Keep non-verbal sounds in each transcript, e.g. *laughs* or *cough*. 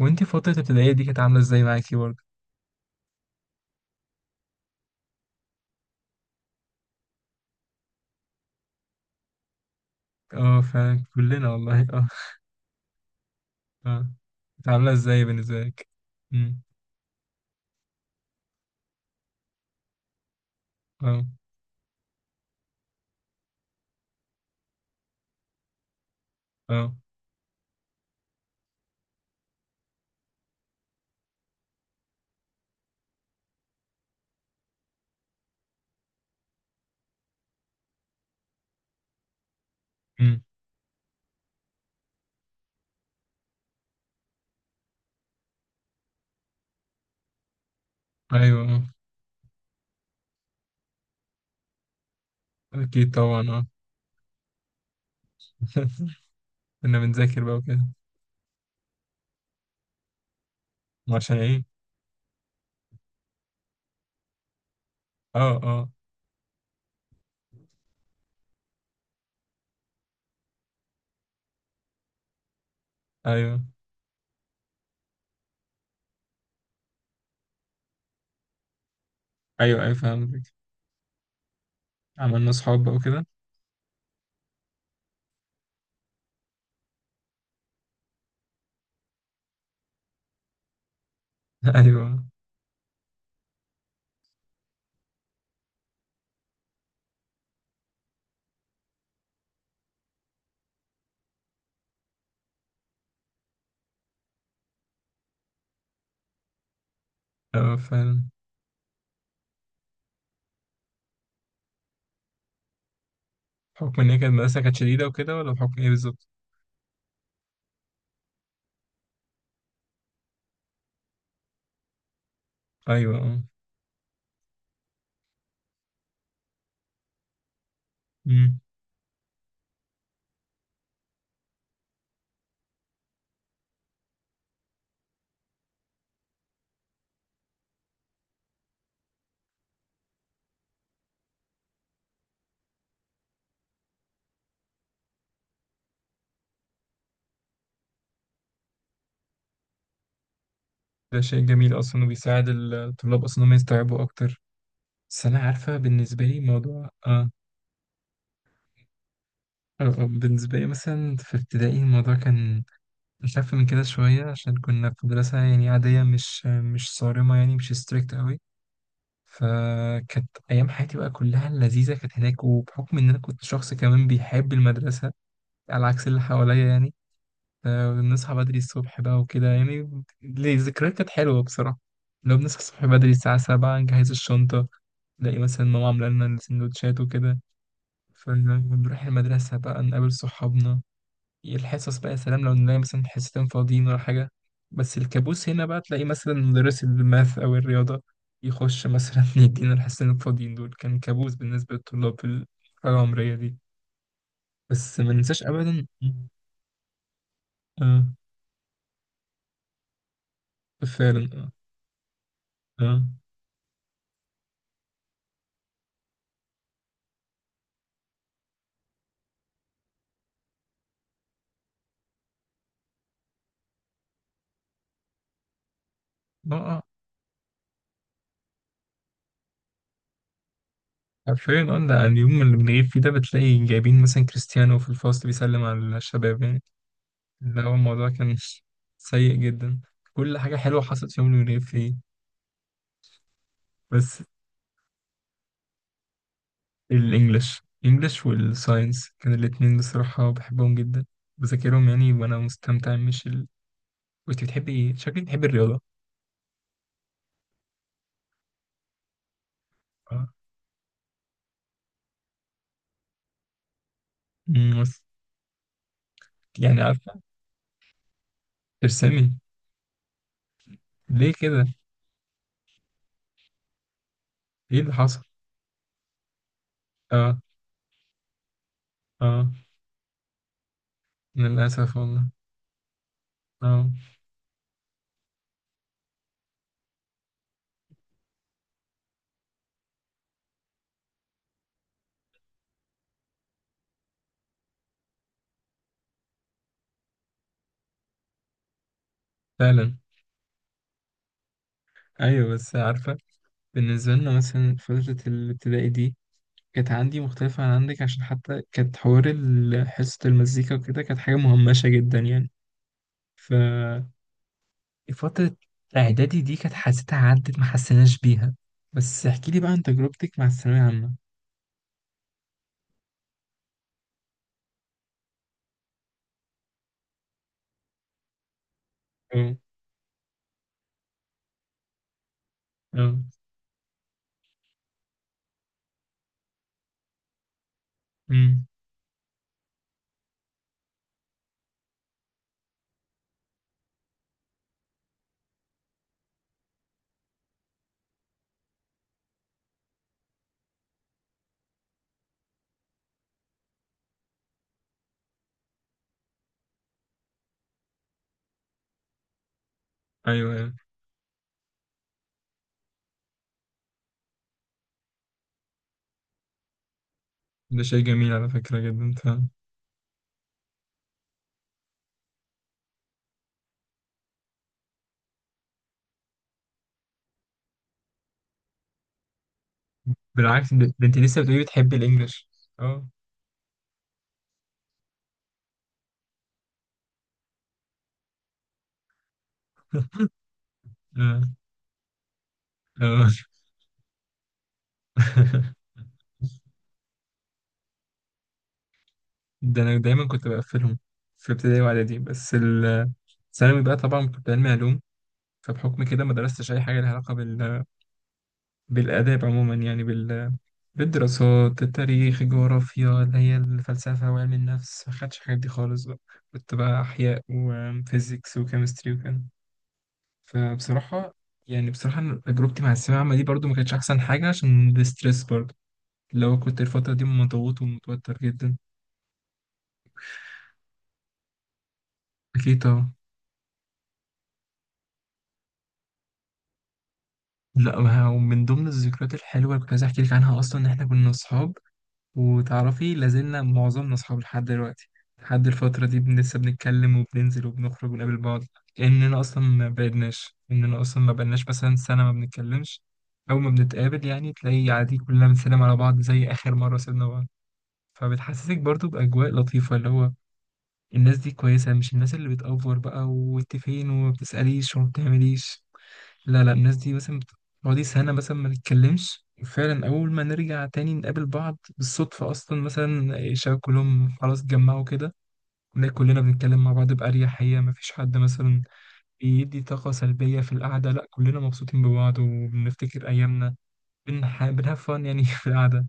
وانتي فترة الابتدائية دي كانت عاملة ازاي معاكي برضه؟ اه، فعلا كلنا والله. اه. اه. كانت عاملة ازاي بالنسبة لك؟ امم. اه. اه. امم. ايوه، اه. اكيد طبعا، اه. *laughs* كنا بنذاكر بقى وكده. عشان ايه؟ اه، اه. ايوه، ايوه، ايوه، فاهمك. عملنا اصحاب بقى وكده. *laughs* ايوه، اه، فعلا. بحكم ان هي كانت المدرسة كانت شديدة وكده، ولا بحكم ايه بالظبط؟ ايوه، اه. امم. ده شيء جميل اصلا وبيساعد الطلاب اصلا انهم يستوعبوا اكتر. بس انا عارفة بالنسبة لي موضوع. بالنسبة لي مثلا في ابتدائي الموضوع كان أخف من كده شوية، عشان كنا في مدرسة يعني عادية، مش صارمة، يعني مش ستريكت قوي. فكانت أيام حياتي بقى كلها لذيذة كانت هناك، وبحكم إن أنا كنت شخص كمان بيحب المدرسة على عكس اللي حواليا يعني. فبنصحى بدري الصبح بقى وكده يعني. الذكريات كانت حلوة بصراحة. لو بنصحى الصبح بدري الساعة 7، نجهز الشنطة، نلاقي مثلا ماما عاملة لنا السندوتشات وكده، فنروح المدرسة بقى نقابل صحابنا. الحصص بقى يا سلام لو نلاقي مثلا حصتين فاضيين ولا حاجة. بس الكابوس هنا بقى تلاقي مثلا مدرس الماث أو الرياضة يخش مثلا *laughs* يدينا الحصتين الفاضيين دول. كان كابوس بالنسبة للطلاب في الحالة العمرية دي، بس ما ننساش أبدا. اه. آه، فعلا، اه، اه، اه، آه. حرفيا، اه. لا، اليوم اللي بنغيب فيه ده بتلاقي جايبين مثلا كريستيانو في الفصل بيسلم على الشباب يعني. لا، هو الموضوع كان *laughs* سيء جدا. كل حاجة حلوة حصلت في يوم اللي بنغيب فيه. بس الانجليش، الانجليش والساينس كان الاتنين بصراحة بحبهم جدا، بذاكرهم يعني وانا مستمتع، مش ال... كنت بتحبي ايه؟ شكلك بتحبي الرياضة. اه. بس يعني عارفة ترسمي. ليه كده؟ ايه اللي حصل؟ اه، اه. للأسف والله. اه. فعلا. ايوه بس عارفة، بالنسبة لنا مثلا فترة الابتدائي دي كانت عندي مختلفة عن عندك، عشان حتى كانت حوار حصة المزيكا وكده كانت حاجة مهمشة جدا يعني. فترة إعدادي دي كانت حسيتها عدت ما حسيناش بيها. بس احكي لي بقى عن تجربتك مع الثانوية العامة. اه. اه. امم. ايوه، ايوه. ده شيء جميل على فكرة جدا، فاهم. بالعكس، ده انت لسه بتقولي بتحبي الانجليش. اه، اه، اه. *laughs* ده انا دايما كنت بقفلهم في ابتدائي واعدادي، بس ثانوي بقى طبعا كنت علمي علوم. فبحكم كده ما درستش اي حاجه لها علاقه بال... بالاداب عموما يعني بال... بالدراسات، التاريخ، الجغرافيا، اللي هي الفلسفة وعلم النفس، ما خدتش الحاجات دي خالص بقى. كنت بقى أحياء وفيزيكس وكيمستري وكده. فبصراحة يعني، بصراحة أنا تجربتي مع الثانوية العامة دي برضو ما كانتش أحسن حاجة، عشان الاسترس برضو لو كنت الفترة دي مضغوط ومتوتر جدا. أكيد طبعا. لا، ومن ضمن الذكريات الحلوة اللي كنت عايز أحكي لك عنها أصلا إن إحنا كنا أصحاب. وتعرفي لازلنا معظمنا أصحاب لحد دلوقتي. لحد الفترة دي لسه بنتكلم وبننزل وبنخرج ونقابل بعض. إننا أصلا ما بعدناش، إننا أصلا ما بقالناش مثلا سنة ما بنتكلمش. أول ما بنتقابل يعني تلاقي عادي كلنا بنسلم على بعض زي آخر مرة سيبنا بعض. فبتحسسك برضو بأجواء لطيفة اللي هو الناس دي كويسة، مش الناس اللي بتأفور بقى وانت فين، وما بتسأليش وما بتعمليش. لا لا، الناس دي مثلا بتقعدي سنة مثلا ما نتكلمش، فعلا أول ما نرجع تاني نقابل بعض بالصدفة أصلا مثلا إيه، شباب كلهم خلاص اتجمعوا كده. ونلاقي كلنا بنتكلم مع بعض بأريحية، مفيش حد مثلا بيدي طاقة سلبية في القعدة، لا كلنا مبسوطين ببعض وبنفتكر أيامنا. بنهاف فن يعني *laughs* في القعدة.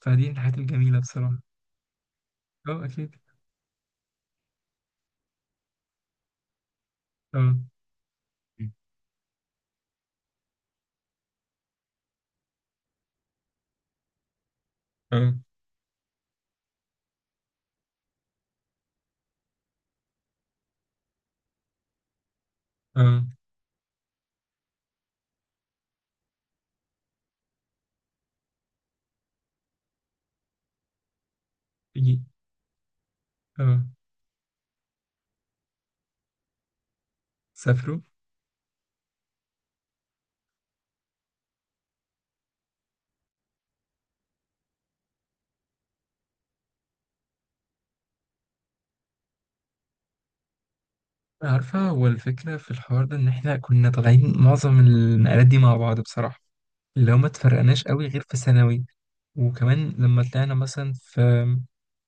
فدي الحاجات الجميلة بصراحة. أه، أكيد. أه، أه، أه. يجي- أه. سافروا. عارفة، هو الفكرة في الحوار ده إن إحنا كنا طالعين معظم النقلات دي مع بعض بصراحة، اللي هو ما اتفرقناش قوي غير في ثانوي. وكمان لما طلعنا مثلا في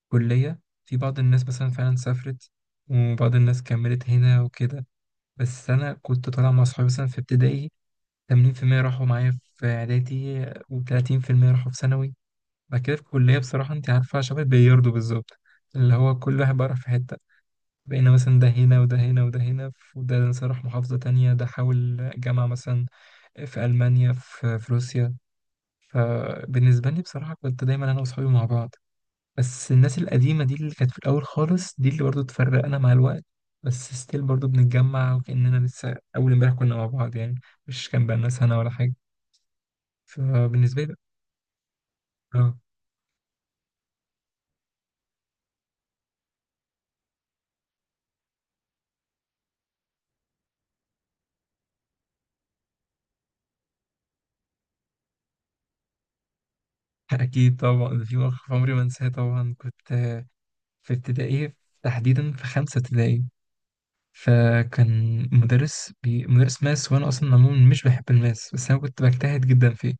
كلية، في بعض الناس مثلا فعلا سافرت، وبعض الناس كملت هنا وكده. بس أنا كنت طالع مع صحابي مثلا في ابتدائي 80% راحوا معايا، في إعدادي و30% راحوا في ثانوي. بعد كده في الكلية بصراحة أنت عارفة شبه البلياردو بالظبط، اللي هو كل واحد بقى راح في حتة. بقينا مثلا ده هنا وده هنا وده هنا، وده مثلا راح محافظة تانية، ده حاول جامعة مثلا في ألمانيا، في روسيا. فبالنسبة لي بصراحة كنت دايما أنا وأصحابي مع بعض، بس الناس القديمة دي اللي كانت في الأول خالص دي اللي برضو اتفرقنا مع الوقت، بس ستيل برضو بنتجمع وكأننا لسه أول امبارح كنا مع بعض يعني، مش كان بقالنا سنة ولا حاجة. فبالنسبة لي اه. *laughs* أكيد طبعا، في موقف عمري ما أنساه. طبعا كنت في ابتدائي، تحديدا في 5 ابتدائي. فكان مدرس ماس، وانا اصلا عموما مش بحب الماس، بس انا كنت بجتهد جدا فيه.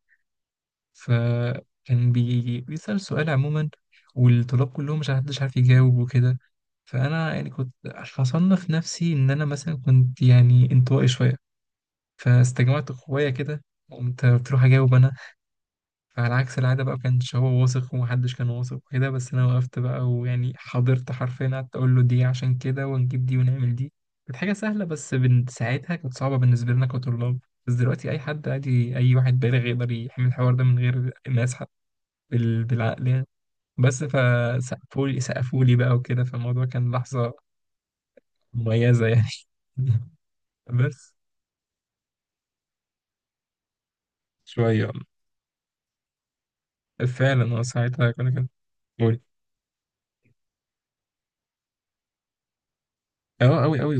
فكان بيسأل سؤال عموما، والطلاب كلهم مش محدش عارف يجاوب وكده. فانا يعني كنت، فصنف نفسي ان انا مثلا كنت يعني انطوائي شويه. فاستجمعت قوايا كده، قمت قلت اروح اجاوب انا. فعلى عكس العادة بقى، مكانش هو واثق ومحدش كان واثق وكده، بس أنا وقفت بقى ويعني حضرت، حرفيا قعدت أقول له دي عشان كده ونجيب دي ونعمل دي. كانت حاجة سهلة، بس ساعتها كانت صعبة بالنسبة لنا كطلاب. بس دلوقتي أي حد عادي، أي واحد بالغ يقدر يحمل الحوار ده من غير ما يسحب بالعقل يعني. بس فسقفولي، بقى وكده، فالموضوع كان لحظة مميزة يعني. *laughs* بس شوية، فعلا اه ساعتها كنا كده. قولي. اه، أوي أوي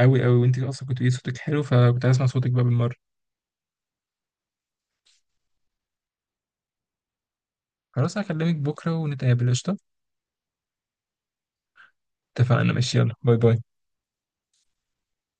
أوي أوي. وأنت أصلا كنت بتقولي صوتك حلو، فكنت عايز أسمع صوتك بقى بالمرة. خلاص هكلمك بكرة ونتقابل قشطة. اتفقنا ماشي، يلا باي باي.